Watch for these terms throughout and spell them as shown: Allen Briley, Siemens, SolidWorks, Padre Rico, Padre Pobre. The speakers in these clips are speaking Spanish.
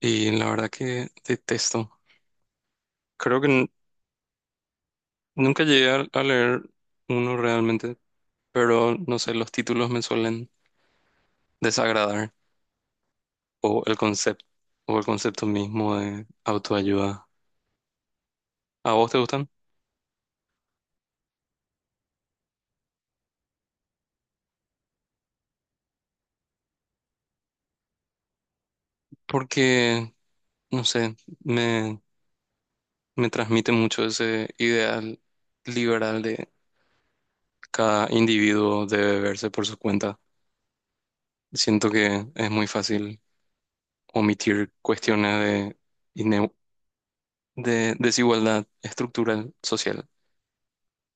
Y la verdad que detesto. Creo que nunca llegué a leer uno realmente, pero no sé, los títulos me suelen desagradar o el concepto o el concepto mismo de autoayuda. ¿A vos te gustan? Porque, no sé, me, me transmite mucho ese ideal liberal de cada individuo debe verse por su cuenta. Siento que es muy fácil omitir cuestiones ine- de desigualdad estructural social.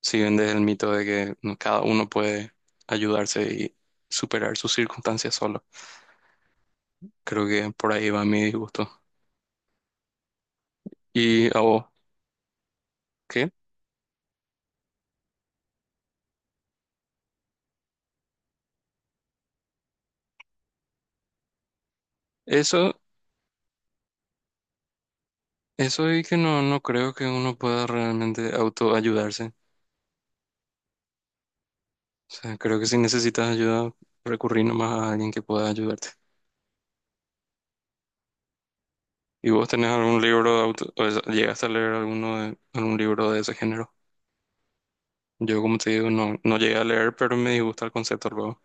Si vendes el mito de que cada uno puede ayudarse y superar sus circunstancias solo. Creo que por ahí va mi disgusto. ¿Y a vos? ¿Qué? Eso, eso y que no creo que uno pueda realmente autoayudarse. O sea, creo que si necesitas ayuda, recurrir nomás a alguien que pueda ayudarte. ¿Y vos tenés algún libro de auto, o sea, llegaste a leer alguno de, algún libro de ese género? Yo, como te digo, no llegué a leer, pero me disgusta el concepto luego.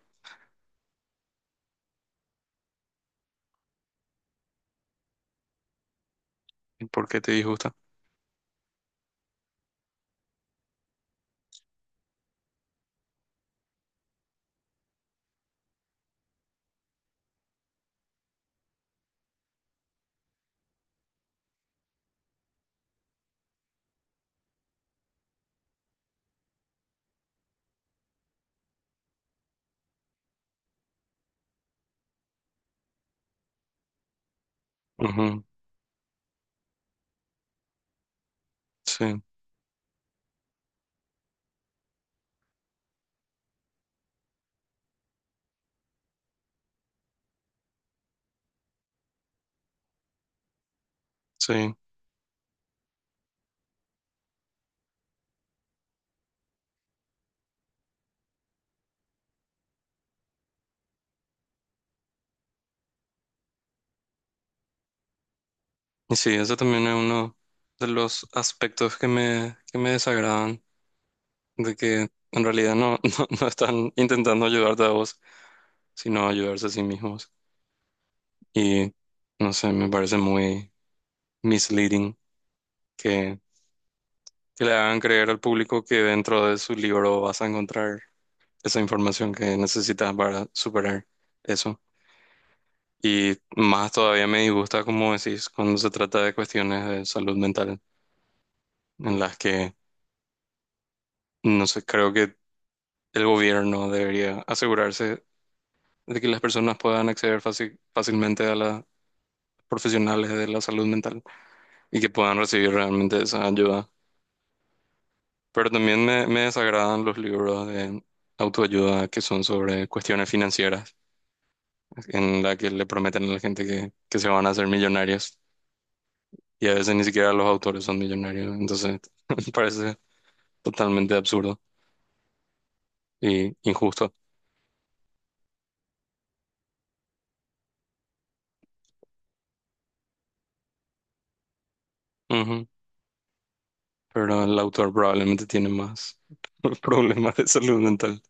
¿Y ¿Por qué te disgusta? Ujú. Sí, sí. Y sí, eso también es uno de los aspectos que que me desagradan, de que en realidad no están intentando ayudarte a vos, sino ayudarse a sí mismos. Y no sé, me parece muy misleading que, que le hagan creer al público que dentro de su libro vas a encontrar esa información que necesitas para superar eso. Y más todavía me disgusta, como decís, cuando se trata de cuestiones de salud mental, en las que, no sé, creo que el gobierno debería asegurarse de que las personas puedan acceder fácilmente a las profesionales de la salud mental y que puedan recibir realmente esa ayuda. Pero también me desagradan los libros de autoayuda que son sobre cuestiones financieras, en la que le prometen a la gente que se van a hacer millonarios y a veces ni siquiera los autores son millonarios. Entonces, me parece totalmente absurdo y injusto. Ujú. Pero el autor probablemente tiene más problemas de salud mental.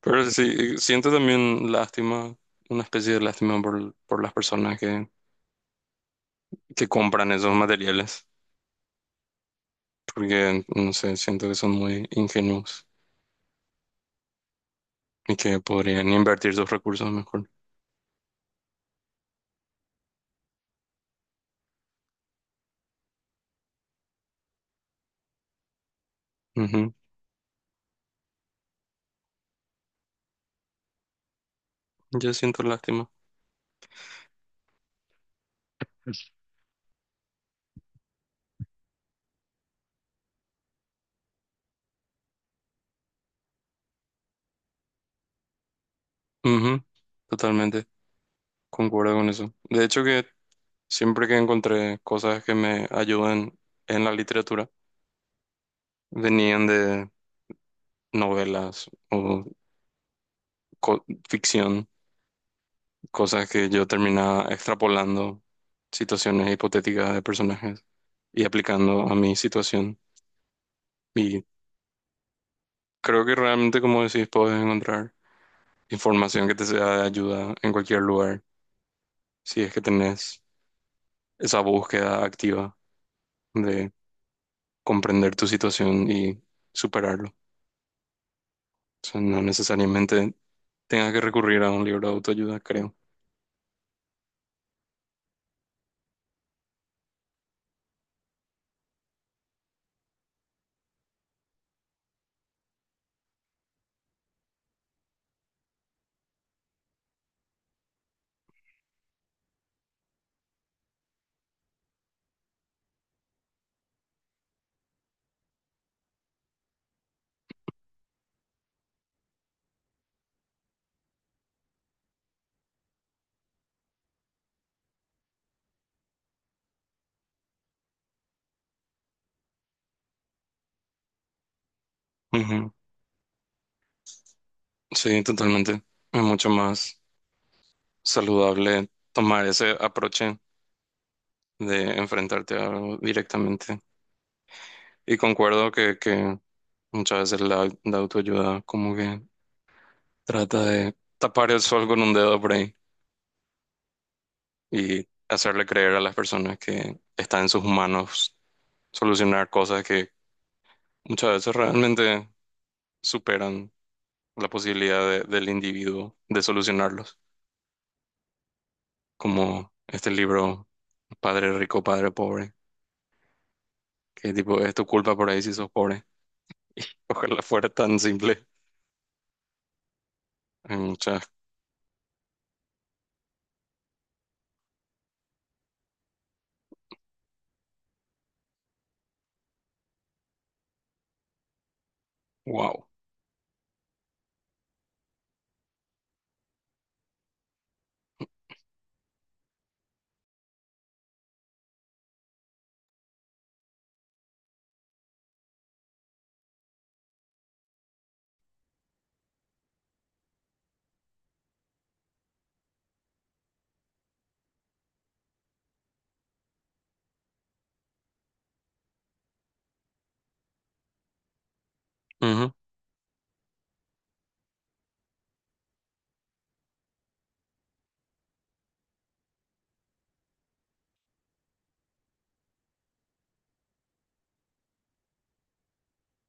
Pero sí, siento también lástima, una especie de lástima por las personas que compran esos materiales, porque, no sé, siento que son muy ingenuos y que podrían invertir sus recursos mejor. Ujú. Yo siento lástima. Ujú. Totalmente, concuerdo con eso. De hecho, que siempre que encontré cosas que me ayudan en la literatura, venían de novelas o co- ficción. Cosas que yo terminaba extrapolando situaciones hipotéticas de personajes y aplicando a mi situación. Y creo que realmente, como decís, puedes encontrar información que te sea de ayuda en cualquier lugar, si es que tenés esa búsqueda activa de comprender tu situación y superarlo. O sea, no necesariamente tengas que recurrir a un libro de autoayuda, creo. Ujú. Sí, totalmente. Es mucho más saludable tomar ese aproche de enfrentarte a algo directamente. Y concuerdo que muchas veces la autoayuda como que trata de tapar el sol con un dedo por ahí y hacerle creer a las personas que está en sus manos solucionar cosas que muchas veces realmente superan la posibilidad del individuo de solucionarlos, como este libro Padre Rico, Padre Pobre, que tipo es tu culpa por ahí si sos pobre. Ojalá fuera tan simple. Hay muchas, wow.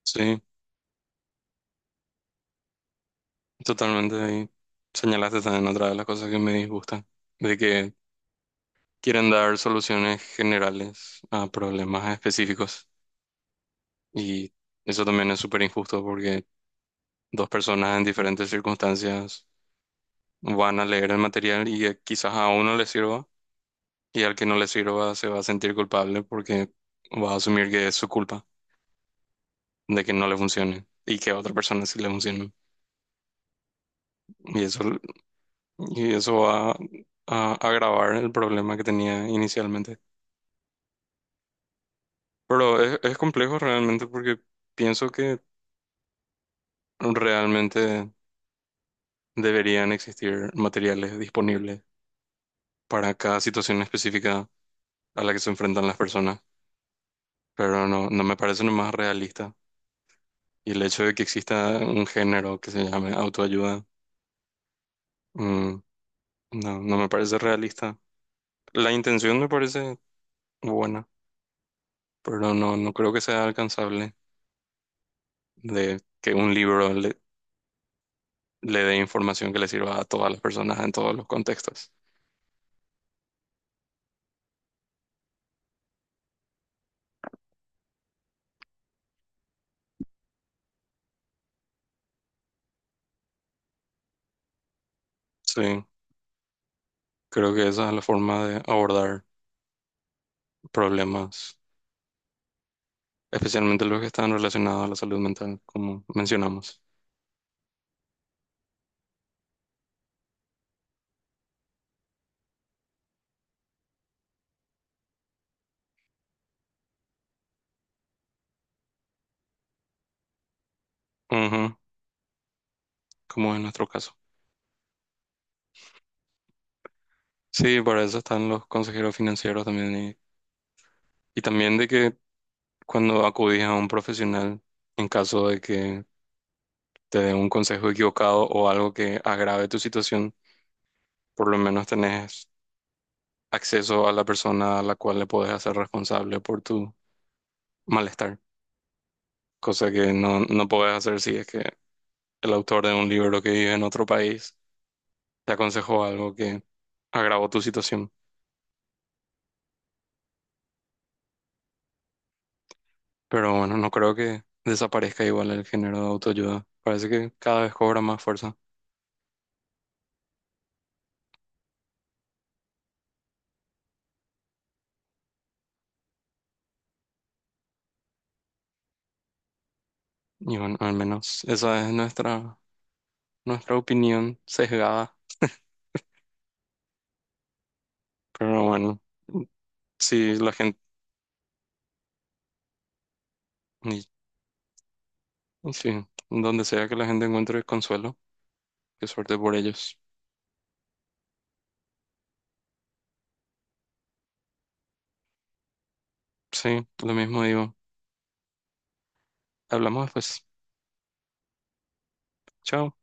Sí, totalmente. Ahí señalaste también otra de las cosas que me disgustan, de que quieren dar soluciones generales a problemas específicos. Y eso también es súper injusto porque dos personas en diferentes circunstancias van a leer el material y quizás a uno le sirva y al que no le sirva se va a sentir culpable porque va a asumir que es su culpa de que no le funcione y que a otra persona sí le funcione. Y eso, y eso va a agravar el problema que tenía inicialmente. Pero es complejo realmente porque pienso que realmente deberían existir materiales disponibles para cada situación específica a la que se enfrentan las personas, pero no me parece lo más realista. Y el hecho de que exista un género que se llame autoayuda, mm, no me parece realista. La intención me parece buena, pero no creo que sea alcanzable de que un libro le dé información que le sirva a todas las personas en todos los contextos. Sí. Creo que esa es la forma de abordar problemas, especialmente los que están relacionados a la salud mental, como mencionamos. Ujú, como en nuestro caso. Sí, para eso están los consejeros financieros también y también de que cuando acudís a un profesional, en caso de que te dé un consejo equivocado o algo que agrave tu situación, por lo menos tenés acceso a la persona a la cual le podés hacer responsable por tu malestar, cosa que no podés hacer si es que el autor de un libro que vive en otro país te aconsejó algo que agravó tu situación. Pero bueno, no creo que desaparezca igual el género de autoayuda. Parece que cada vez cobra más fuerza. Y bueno, al menos esa es nuestra, nuestra opinión sesgada. Pero bueno, si la gente, y- y sí, donde sea que la gente encuentre consuelo, qué suerte por ellos. Sí, lo mismo digo. Hablamos después. Chao.